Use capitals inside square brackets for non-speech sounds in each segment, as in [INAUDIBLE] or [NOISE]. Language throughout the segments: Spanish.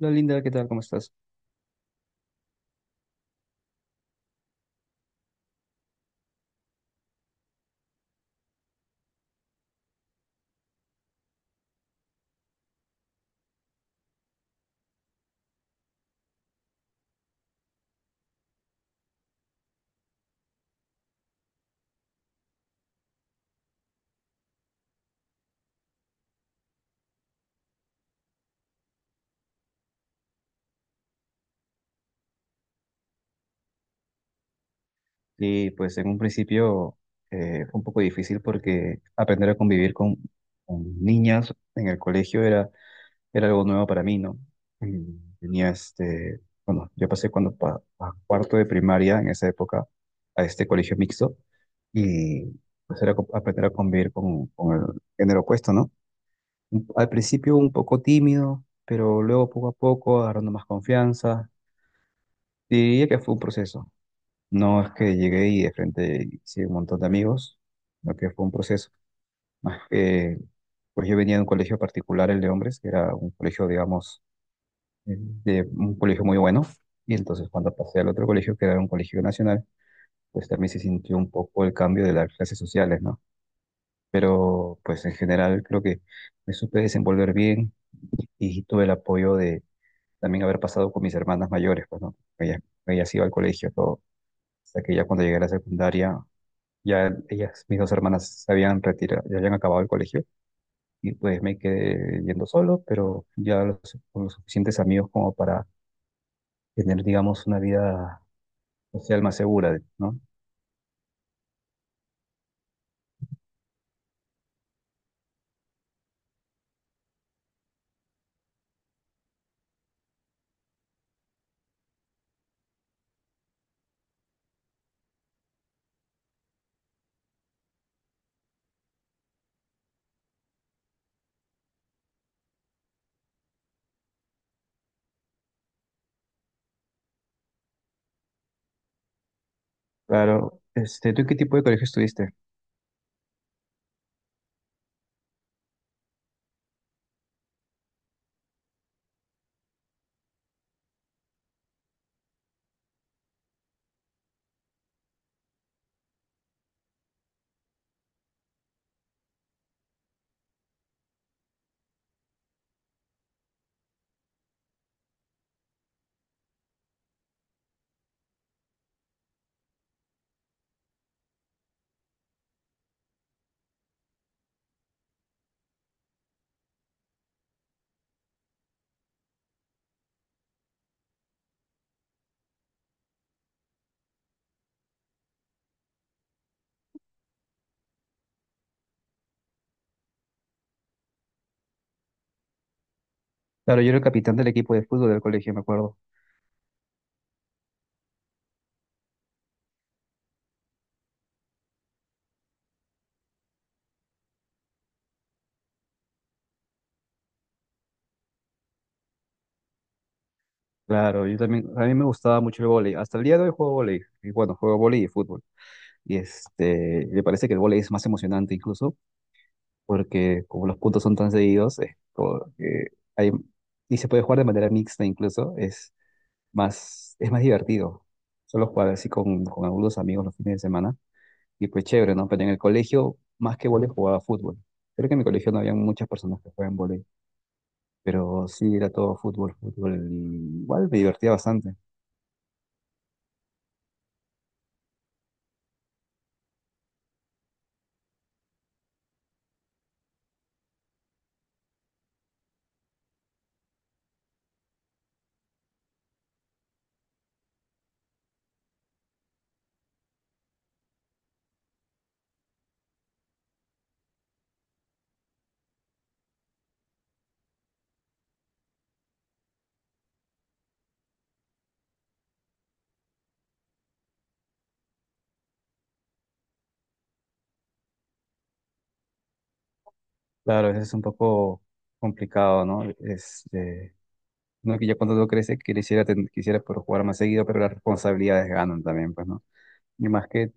Hola Linda, ¿qué tal? ¿Cómo estás? Y pues en un principio fue un poco difícil porque aprender a convivir con niñas en el colegio era algo nuevo para mí, ¿no? Mm, Tenía bueno, yo pasé cuando a cuarto de primaria en esa época a este colegio mixto y pues era aprender a convivir con el género opuesto, ¿no? Al principio un poco tímido, pero luego poco a poco agarrando más confianza. Diría que fue un proceso. No es que llegué y de frente hice un montón de amigos, lo que fue un proceso. Más pues yo venía de un colegio particular, el de hombres, que era un colegio, digamos, de un colegio muy bueno. Y entonces cuando pasé al otro colegio, que era un colegio nacional, pues también se sintió un poco el cambio de las clases sociales, ¿no? Pero pues en general creo que me supe desenvolver bien y tuve el apoyo de también haber pasado con mis hermanas mayores, pues, ¿no? Ellas iban al colegio, todo. Hasta que ya cuando llegué a la secundaria ya ellas, mis dos hermanas, se habían retirado, ya habían acabado el colegio y pues me quedé yendo solo, pero ya con los suficientes amigos como para tener, digamos, una vida social más segura, ¿no? Claro, este, ¿tú en qué tipo de colegio estuviste? Claro, yo era el capitán del equipo de fútbol del colegio, me acuerdo. Claro, yo también, a mí me gustaba mucho el vóley. Hasta el día de hoy juego vóley. Y bueno, juego vóley y fútbol. Y este, me parece que el vóley es más emocionante incluso porque como los puntos son tan seguidos, es como que hay, y se puede jugar de manera mixta incluso, es más divertido. Solo jugar así con algunos amigos los fines de semana, y pues chévere, ¿no? Pero en el colegio, más que vóley, jugaba fútbol. Creo que en mi colegio no había muchas personas que juegan vóley, pero sí era todo fútbol, fútbol, y igual me divertía bastante. Claro, eso es un poco complicado, ¿no? Este, no es, uno que ya cuando uno crece quisiera poder jugar más seguido, pero las responsabilidades ganan también, pues, ¿no? Y más que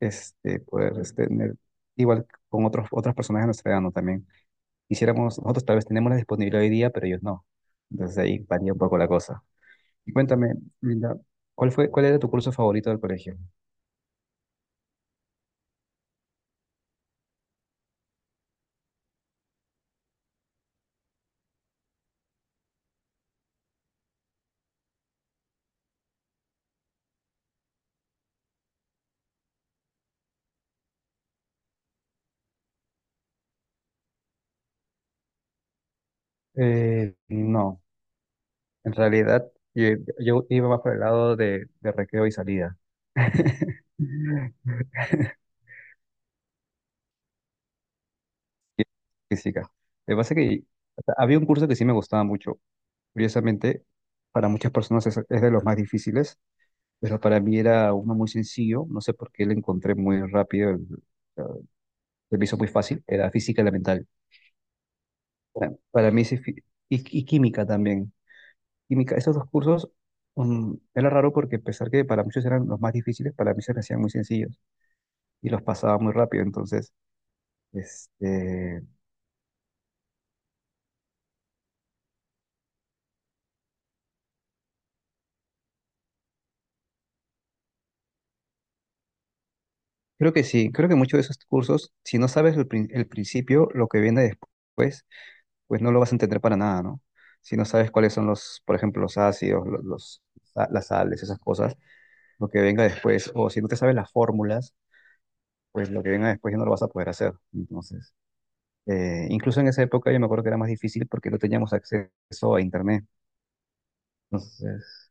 este, poder este, tener, igual con otras personas de nuestra edad, ¿no? También quisiéramos, nosotros tal vez tenemos la disponibilidad hoy día, pero ellos no. Entonces ahí varía un poco la cosa. Y cuéntame, Linda, ¿cuál cuál era tu curso favorito del colegio? No, en realidad yo, yo iba más por el lado de recreo y salida. [LAUGHS] Y física. Lo que pasa es que o sea, había un curso que sí me gustaba mucho. Curiosamente, para muchas personas es de los más difíciles, pero para mí era uno muy sencillo, no sé por qué lo encontré muy rápido, eh, se me hizo muy fácil, era física y la mental. Para mí ese y química también. Química, esos dos cursos era raro porque a pesar que para muchos eran los más difíciles, para mí se me hacían muy sencillos y los pasaba muy rápido. Entonces, este, creo que sí, creo que muchos de esos cursos, si no sabes el principio, lo que viene después, pues no lo vas a entender para nada, ¿no? Si no sabes cuáles son los, por ejemplo, los ácidos, las sales, esas cosas lo que venga después, o si no te sabes las fórmulas, pues lo que venga después ya no lo vas a poder hacer. Entonces, incluso en esa época yo me acuerdo que era más difícil porque no teníamos acceso a internet. Entonces,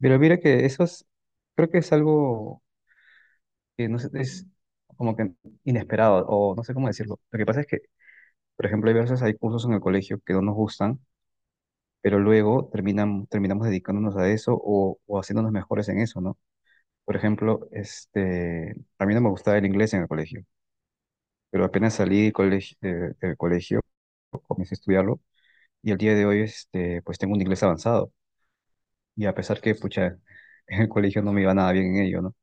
pero mira que eso es, creo que es algo que no sé, es como que inesperado, o no sé cómo decirlo. Lo que pasa es que, por ejemplo, hay veces hay cursos en el colegio que no nos gustan, pero luego terminamos dedicándonos a eso o haciéndonos mejores en eso, ¿no? Por ejemplo, este, a mí no me gustaba el inglés en el colegio, pero apenas salí del colegio, comencé a estudiarlo y el día de hoy este, pues tengo un inglés avanzado y a pesar que pucha, [LAUGHS] en el colegio no me iba nada bien en ello, ¿no?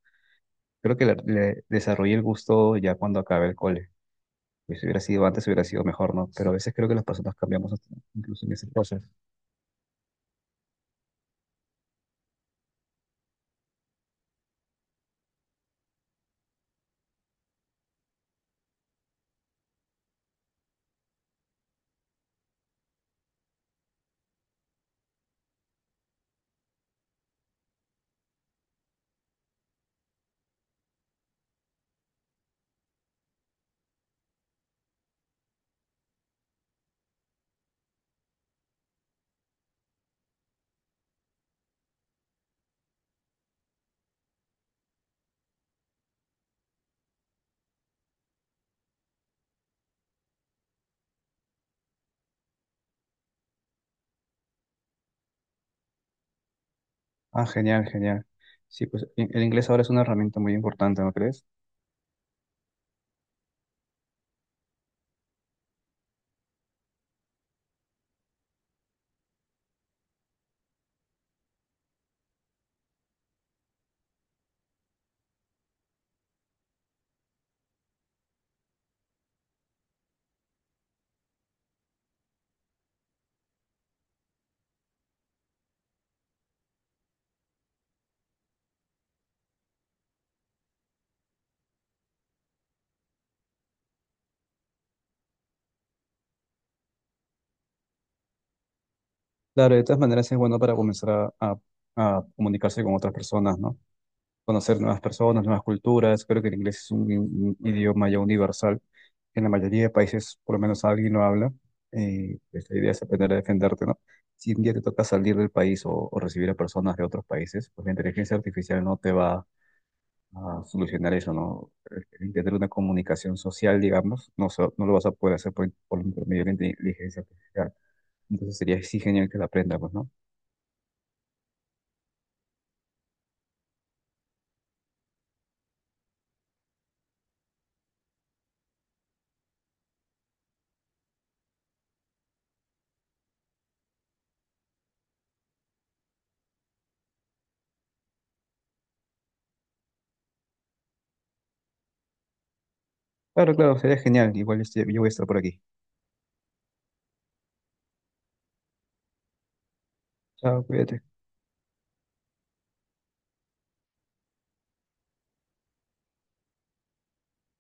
Creo que le desarrollé el gusto ya cuando acabé el cole. Pues si hubiera sido antes, hubiera sido mejor, ¿no? Pero a veces creo que las personas cambiamos incluso en esas cosas. Ah, genial, genial. Sí, pues el inglés ahora es una herramienta muy importante, ¿no crees? Claro, de todas maneras es bueno para comenzar a comunicarse con otras personas, ¿no? Conocer nuevas personas, nuevas culturas. Creo que el inglés es un idioma ya universal. En la mayoría de países, por lo menos alguien lo habla. Pues, la idea es aprender a defenderte, ¿no? Si un día te toca salir del país o recibir a personas de otros países, pues la inteligencia artificial no te va a solucionar eso, ¿no? El tener una comunicación social, digamos, no, no lo vas a poder hacer por medio de la inteligencia artificial. Entonces sería sí genial que la aprenda, pues, ¿no? Claro, claro, sería genial. Igual yo voy a estar por aquí. Chao, cuídate.